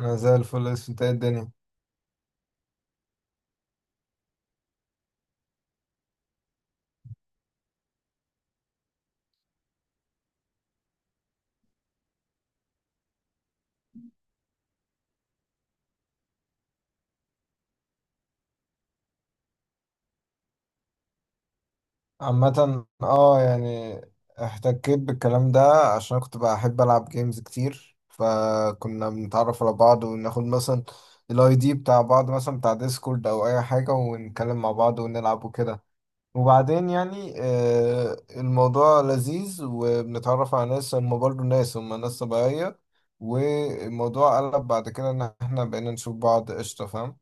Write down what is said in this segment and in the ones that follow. انا زي الفل، اسف. انت ايه الدنيا؟ عامة اه، يعني احتكيت بالكلام ده عشان كنت بحب العب جيمز كتير، فكنا بنتعرف على بعض وناخد مثلا الاي دي بتاع بعض، مثلا بتاع ديسكورد او اي حاجة، ونتكلم مع بعض ونلعب وكده. وبعدين يعني الموضوع لذيذ، وبنتعرف على ناس هم برضه ناس هم ناس طبيعية. والموضوع قلب بعد كده ان احنا بقينا نشوف بعض، قشطة فاهم.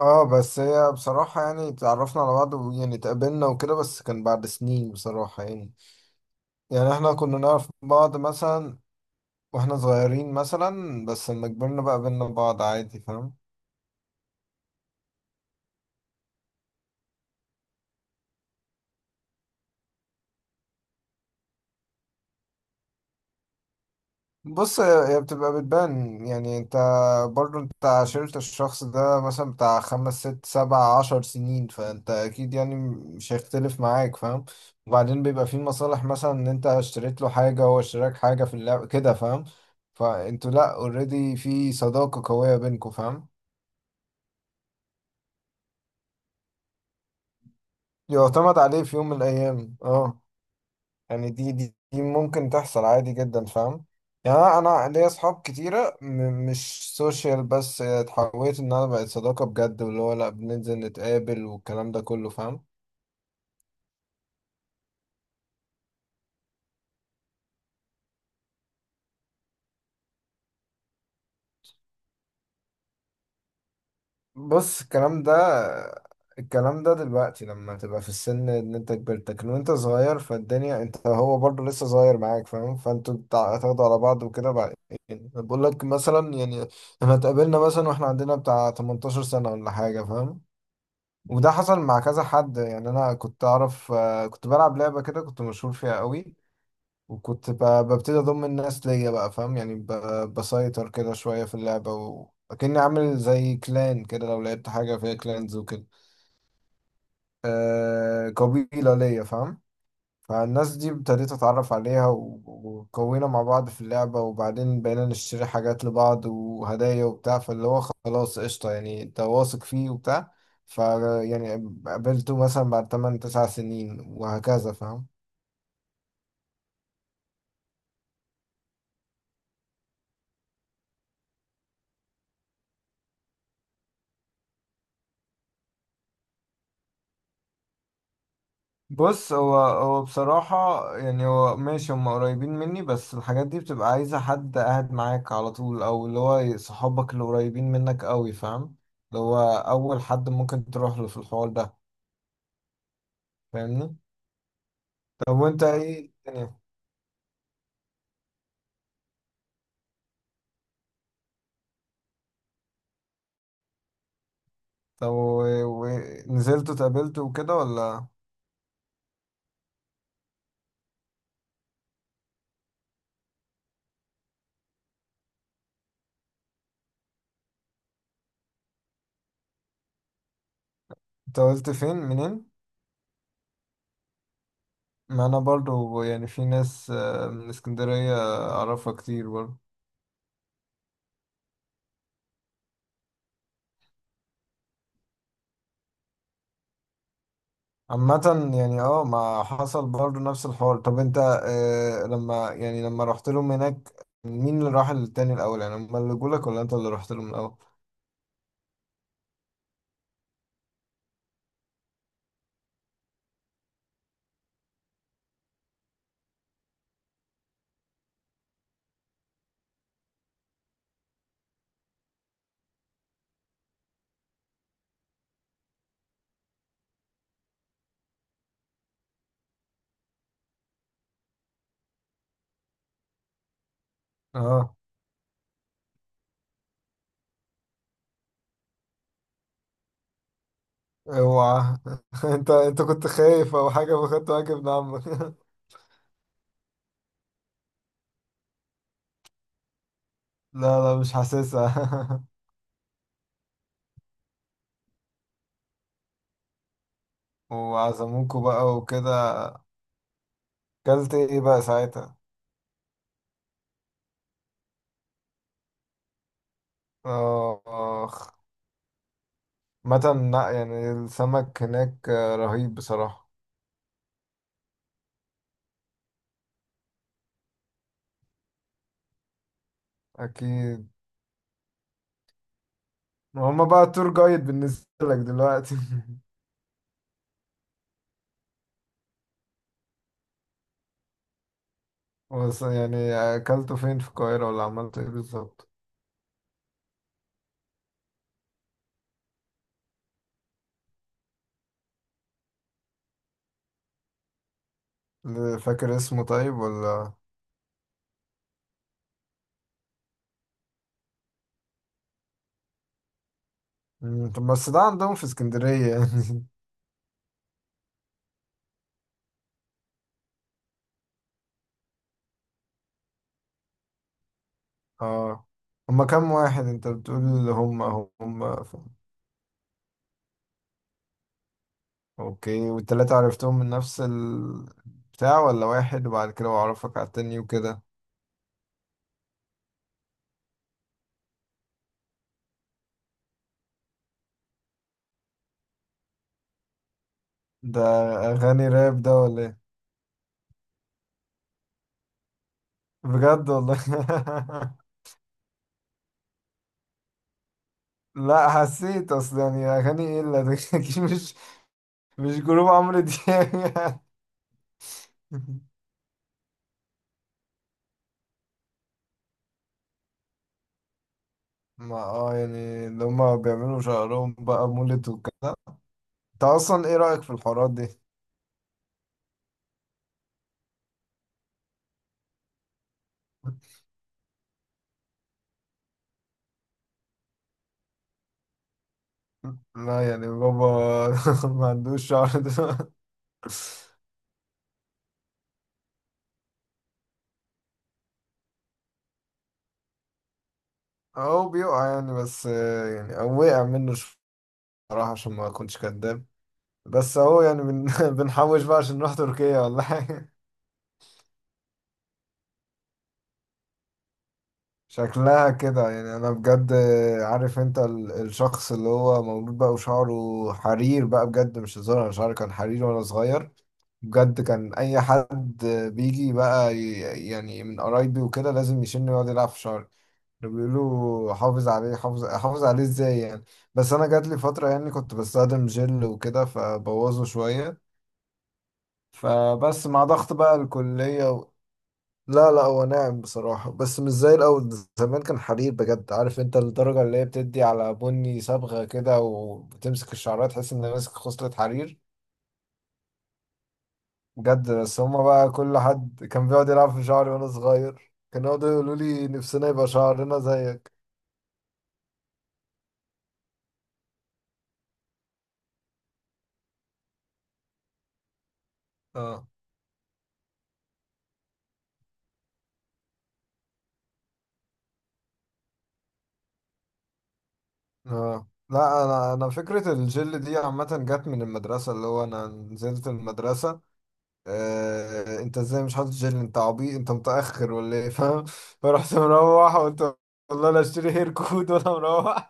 اه، بس هي بصراحة يعني اتعرفنا على بعض، ويعني اتقابلنا وكده، بس كان بعد سنين بصراحة يعني. يعني احنا كنا نعرف بعض مثلا واحنا صغيرين، مثلا بس لما كبرنا بقى قابلنا بعض عادي، فاهم. بص، هي بتبقى بتبان يعني. انت برضو انت عاشرت الشخص ده مثلا بتاع خمس ست سبع عشر سنين، فانت اكيد يعني مش هيختلف معاك فاهم. وبعدين بيبقى في مصالح، مثلا ان انت اشتريت له حاجة وهو اشتراك حاجة في اللعب كده، فاهم. فانتوا لا اوريدي في صداقة قوية بينكوا فاهم. يعتمد عليه في يوم من الايام، اه. يعني دي ممكن تحصل عادي جدا فاهم. يعني أنا ليا اصحاب كتيره مش سوشيال، بس اتحولت ان انا بقت صداقه بجد، واللي هو لا بننزل نتقابل والكلام ده كله فاهم. بص الكلام ده دلوقتي لما تبقى في السن ان انت كبرت، لكن وانت صغير فالدنيا انت هو برضه لسه صغير معاك فاهم. فانتوا هتاخدوا على بعض وكده بعد. يعني بقول لك مثلا يعني، احنا اتقابلنا مثلا واحنا عندنا بتاع 18 سنه ولا حاجه فاهم. وده حصل مع كذا حد. يعني انا كنت اعرف، كنت بلعب لعبه كده كنت مشهور فيها قوي. وكنت ببتدي اضم الناس ليا بقى فاهم. يعني بسيطر كده شويه في اللعبه، وكأني عامل زي كلان كده، لو لعبت حاجه فيها كلانز وكده. قبيله ليا فاهم. فالناس دي ابتديت اتعرف عليها وكونا مع بعض في اللعبة، وبعدين بقينا نشتري حاجات لبعض وهدايا وبتاع، فاللي هو خلاص قشطة يعني انت واثق فيه وبتاع. ف يعني قابلته مثلا بعد 8 9 سنين وهكذا فاهم. بص هو بصراحة يعني، هو ماشي هم قريبين مني، بس الحاجات دي بتبقى عايزة حد قاعد معاك على طول، أو اللي هو صحابك اللي قريبين منك قوي فاهم، اللي هو أول حد ممكن تروح له في الحوار ده. فاهمني؟ طب وانت ايه الدنيا؟ طب ونزلت واتقابلت وكده ولا؟ اتقابلت فين منين؟ ما انا برضو يعني في ناس من اسكندرية اعرفها كتير برضو. عامة يعني اه، ما حصل برضو نفس الحوار. طب انت آه لما يعني لما رحت لهم هناك، مين اللي راح للتاني الاول؟ يعني هما اللي جولك ولا انت اللي رحت لهم الاول؟ اه. اوعى انت كنت خايف او حاجة فخدت واجب من عمك؟ لا لا، مش حاسسها. وعزموكوا بقى وكده؟ كلت ايه بقى ساعتها؟ اخ. متى لا، يعني السمك هناك رهيب بصراحة، اكيد. هما بقى تور جايد بالنسبة لك دلوقتي. بس يعني اكلته فين في القاهرة ولا عملت ايه بالظبط؟ فاكر اسمه طيب ولا؟ طب بس ده عندهم في اسكندرية يعني؟ اه. هما كام واحد انت بتقول اللي هما اوكي، والتلاتة عرفتهم من نفس البتاع ولا واحد وبعد كده وعرفك على التاني وكده؟ ده اغاني راب ده ولا ايه؟ بجد والله؟ لا حسيت، اصل يعني اغاني ايه اللي ده، أكيد مش جروب عمرو دياب يعني. ما يعني اللي هما بيعملوا شعرهم بقى مولد وكده. انت اصلا ايه رأيك في الحوارات دي؟ لا يعني بابا ما عندوش شعر ده. هو بيقع يعني، بس يعني هو وقع منه شوية بصراحة عشان ما اكونش كداب. بس اهو يعني بنحوش بقى عشان نروح تركيا والله. شكلها كده يعني انا بجد. عارف انت، الشخص اللي هو مولود بقى وشعره حرير بقى، بجد مش هزار، انا شعري كان حرير وانا صغير بجد. كان اي حد بيجي بقى يعني من قرايبي وكده لازم يشيلني ويقعد يلعب في شعري. كانوا بيقولوا حافظ عليه، حافظ عليه ازاي يعني. بس انا جات لي فترة يعني كنت بستخدم جل وكده فبوظه شوية، فبس مع ضغط بقى الكلية. لا لا، هو ناعم بصراحة بس مش زي الأول، زمان كان حرير بجد. عارف انت الدرجة اللي هي بتدي على بني صبغة كده، وبتمسك الشعرات تحس ان ماسك خصلة حرير بجد. بس هما بقى كل حد كان بيقعد يلعب في شعري وانا صغير، كانوا يقعدوا يقولوا لي نفسنا يبقى شعرنا زيك. اه اه. لا انا فكرة الجل دي عامة جت من المدرسة. اللي هو انا نزلت المدرسة، انت ازاي مش حاطط جل، انت عبيط، انت متأخر ولا ايه فاهم. فرحت مروح وقلت والله لا اشتري هير كود وانا مروح.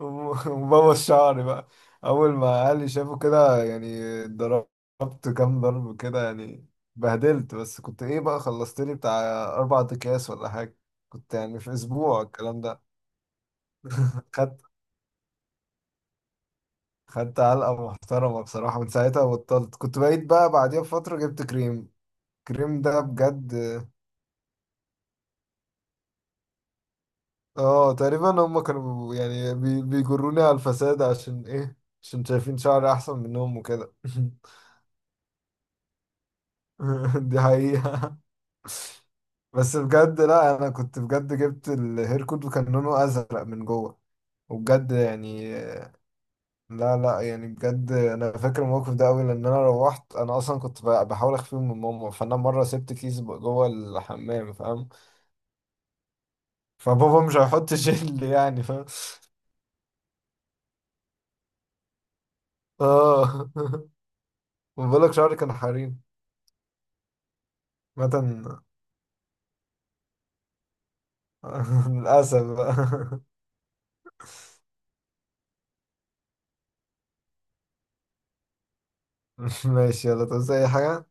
ومبوظ شعري بقى. اول ما اهلي شافوا كده يعني، ضربت كام ضرب كده يعني، بهدلت. بس كنت ايه بقى، خلصت لي بتاع اربع اكياس ولا حاجة، كنت يعني في اسبوع الكلام ده. خدت خدت علقة محترمة بصراحة، من ساعتها بطلت. كنت بقيت بقى بعديها بفترة جبت كريم، كريم ده بجد. اه تقريبا هم كانوا يعني بيجروني على الفساد، عشان ايه، عشان شايفين شعري احسن منهم وكده. دي حقيقة. بس بجد لا انا كنت بجد جبت الهير كود وكان لونه ازرق من جوه، وبجد يعني، لا لا يعني بجد انا فاكر الموقف ده قوي، لان انا روحت انا اصلا كنت بحاول اخفيهم من ماما، فانا مره سبت كيس جوه الحمام فاهم. فبابا مش هيحط جل يعني فاهم. اه. بقول لك شعري كان حريم مثلا. للأسف بقى. ماشي، يلا، تعوز أي حاجة؟